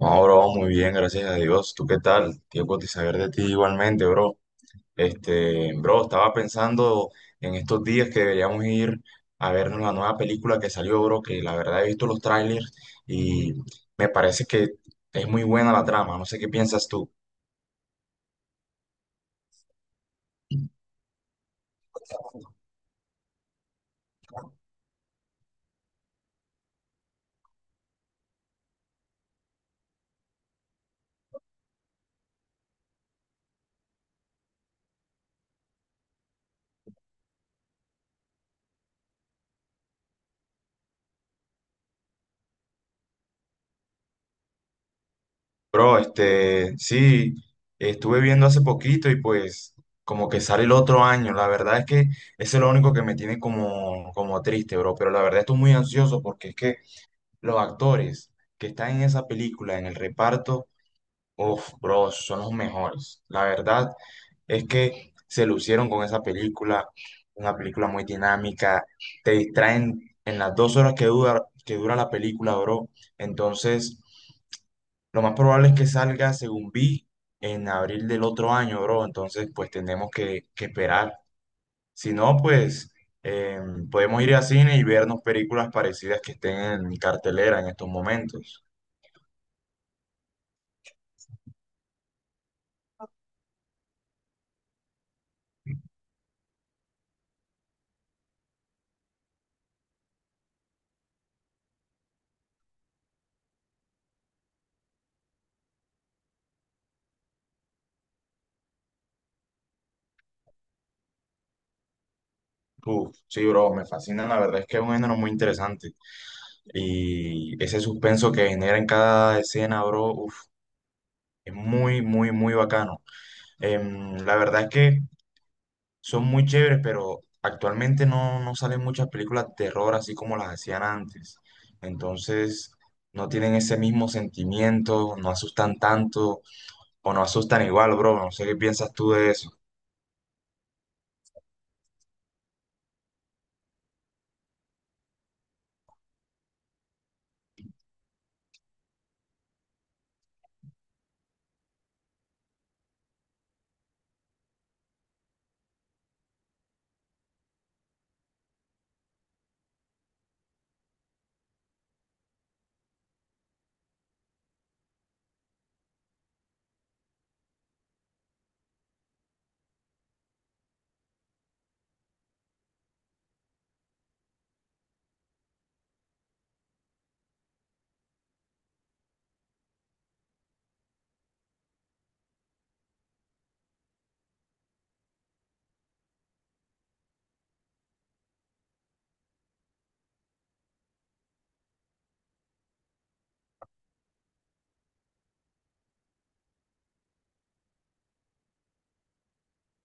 No, bro, muy bien, gracias a Dios. ¿Tú qué tal? Tiempo de saber de ti igualmente, bro. Bro, estaba pensando en estos días que deberíamos ir a ver la nueva película que salió, bro, que la verdad he visto los trailers y me parece que es muy buena la trama. No sé qué piensas tú. Bro, sí, estuve viendo hace poquito y pues como que sale el otro año. La verdad es que eso es lo único que me tiene como triste, bro. Pero la verdad estoy muy ansioso porque es que los actores que están en esa película, en el reparto, uff, bro, son los mejores. La verdad es que se lucieron con esa película, una película muy dinámica, te distraen en las dos horas que dura la película, bro. Entonces, lo más probable es que salga, según vi, en abril del otro año, bro. Entonces, pues tenemos que esperar. Si no, pues podemos ir a cine y vernos películas parecidas que estén en cartelera en estos momentos. Uf, sí, bro, me fascina, la verdad es que es un género muy interesante y ese suspenso que genera en cada escena, bro, uf, es muy, muy, muy bacano. La verdad es que son muy chéveres, pero actualmente no salen muchas películas de terror así como las hacían antes. Entonces, no tienen ese mismo sentimiento, no asustan tanto o no asustan igual, bro, no sé qué piensas tú de eso.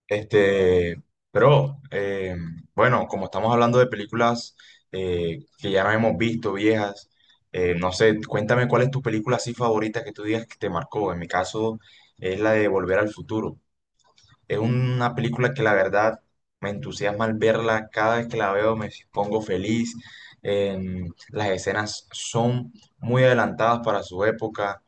Este, pero eh, bueno, como estamos hablando de películas que ya no hemos visto, viejas, no sé, cuéntame cuál es tu película así favorita que tú digas que te marcó. En mi caso es la de Volver al Futuro. Es una película que la verdad me entusiasma al verla. Cada vez que la veo me pongo feliz. Las escenas son muy adelantadas para su época,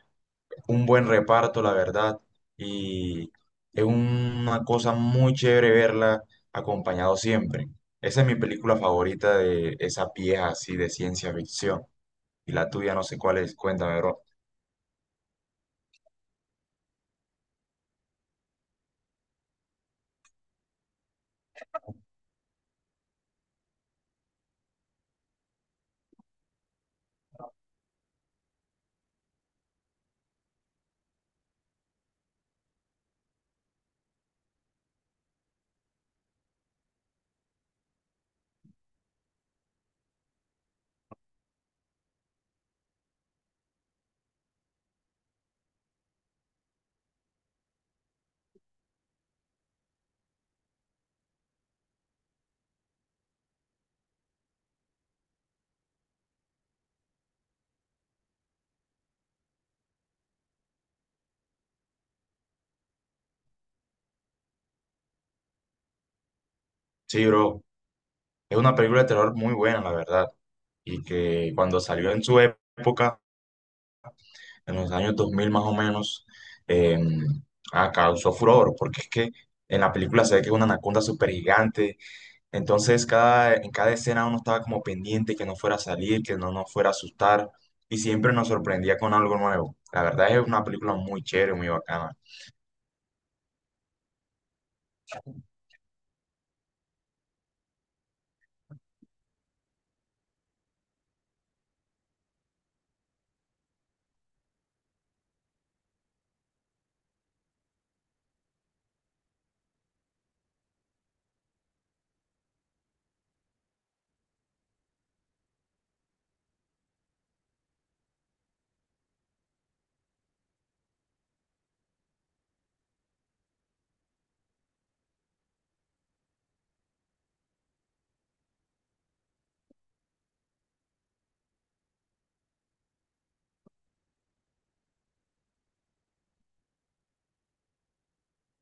un buen reparto, la verdad, y es una cosa muy chévere verla acompañado siempre. Esa es mi película favorita de esa pieza así de ciencia ficción. Y la tuya no sé cuál es, cuéntame, bro. Sí, bro, es una película de terror muy buena, la verdad, y que cuando salió en su época, en los años 2000 más o menos, eh, causó furor, porque es que en la película se ve que es una anaconda súper gigante. Entonces, en cada escena uno estaba como pendiente que no fuera a salir, que no nos fuera a asustar, y siempre nos sorprendía con algo nuevo. La verdad es una película muy chévere, muy bacana.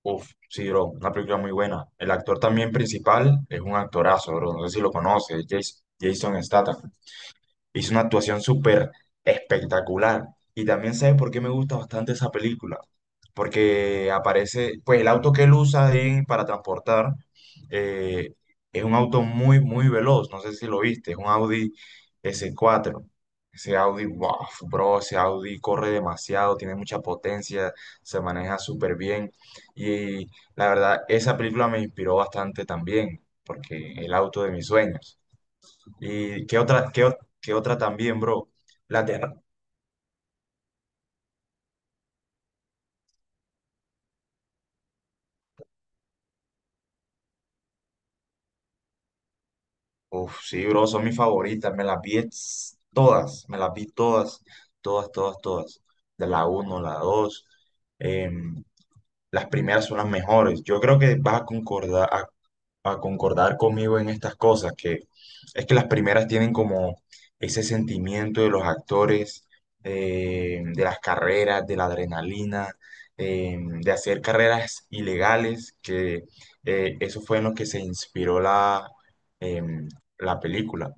Uf, sí, bro, una película muy buena. El actor también principal es un actorazo, bro, no sé si lo conoces, Jason Statham. Hizo una actuación súper espectacular. Y también sabes por qué me gusta bastante esa película. Porque aparece, pues el auto que él usa ahí para transportar, eh, es un auto muy, muy veloz. No sé si lo viste, es un Audi S4. Ese Audi, wow, bro, ese Audi corre demasiado, tiene mucha potencia, se maneja súper bien. Y la verdad, esa película me inspiró bastante también, porque el auto de mis sueños. ¿Y qué otra, qué otra también, bro? La terra. Uf, sí, bro, son mis favoritas. Me las vi ex- Todas, me las vi todas, todas, todas, todas. De la uno la dos, em, las primeras son las mejores. Yo creo que vas a a concordar conmigo en estas cosas, que es que las primeras tienen como ese sentimiento de los actores, de las carreras, de la adrenalina, de hacer carreras ilegales, que eso fue en lo que se inspiró em, la película.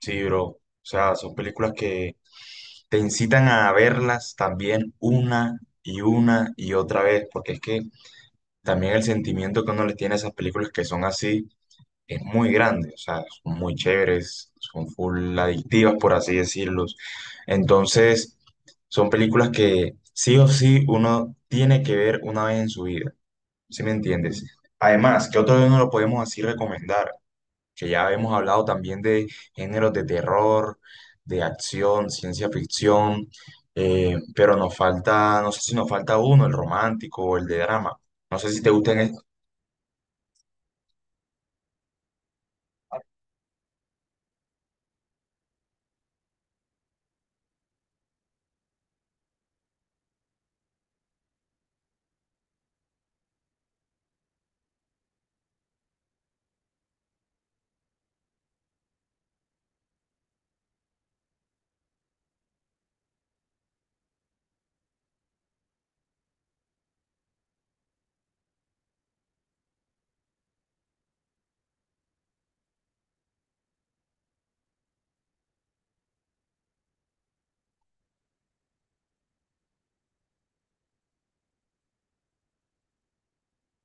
Sí, bro. O sea, son películas que te incitan a verlas también una y otra vez, porque es que también el sentimiento que uno le tiene a esas películas que son así es muy grande, o sea, son muy chéveres, son full adictivas, por así decirlos. Entonces, son películas que sí o sí uno tiene que ver una vez en su vida, ¿sí me entiendes? Además, ¿qué otro no lo podemos así recomendar? Que ya hemos hablado también de géneros de terror, de acción, ciencia ficción, pero nos falta, no sé si nos falta uno, el romántico o el de drama. No sé si te gustan.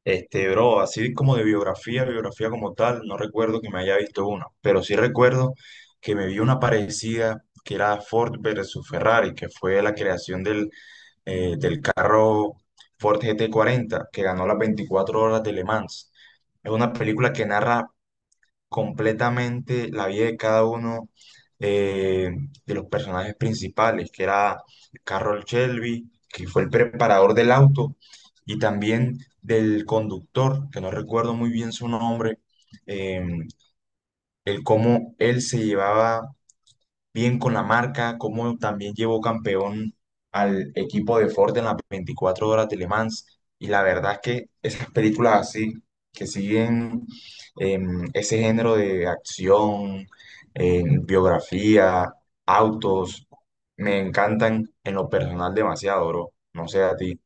Bro, así como de biografía como tal, no recuerdo que me haya visto una, pero sí recuerdo que me vi una parecida que era Ford versus Ferrari, que fue la creación del carro Ford GT40, que ganó las 24 horas de Le Mans. Es una película que narra completamente la vida de cada uno, eh, de los personajes principales, que era Carroll Shelby, que fue el preparador del auto, y también del conductor, que no recuerdo muy bien su nombre. eh, el cómo él se llevaba bien con la marca, como también llevó campeón al equipo de Ford en las 24 horas de Le Mans. Y la verdad es que esas películas así, que siguen ese género de acción, biografía, autos, me encantan en lo personal demasiado, bro. No sé a ti.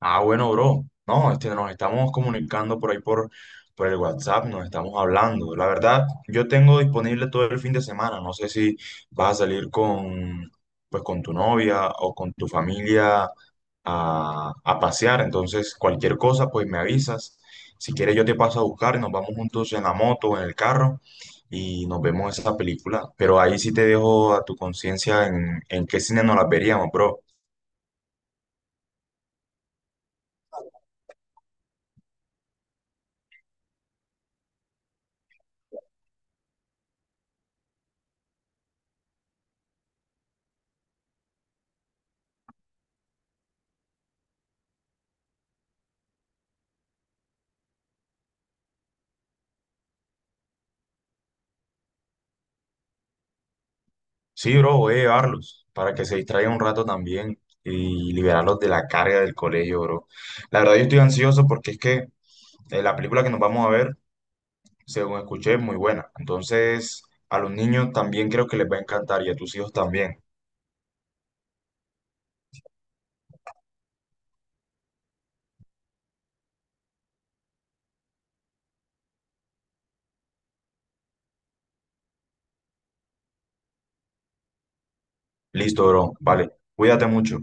Ah, bueno, bro. No, nos estamos comunicando por ahí por el WhatsApp, nos estamos hablando. La verdad, yo tengo disponible todo el fin de semana. No sé si vas a salir con, pues, con tu novia o con tu familia a pasear. Entonces, cualquier cosa, pues me avisas. Si quieres, yo te paso a buscar y nos vamos juntos en la moto o en el carro y nos vemos esa película. Pero ahí sí te dejo a tu conciencia en qué cine nos la veríamos, bro. Sí, bro, voy a llevarlos para que se distraigan un rato también y liberarlos de la carga del colegio, bro. La verdad, yo estoy ansioso porque es que la película que nos vamos a ver, según escuché, es muy buena. Entonces, a los niños también creo que les va a encantar y a tus hijos también. Listo, bro. Vale, cuídate mucho.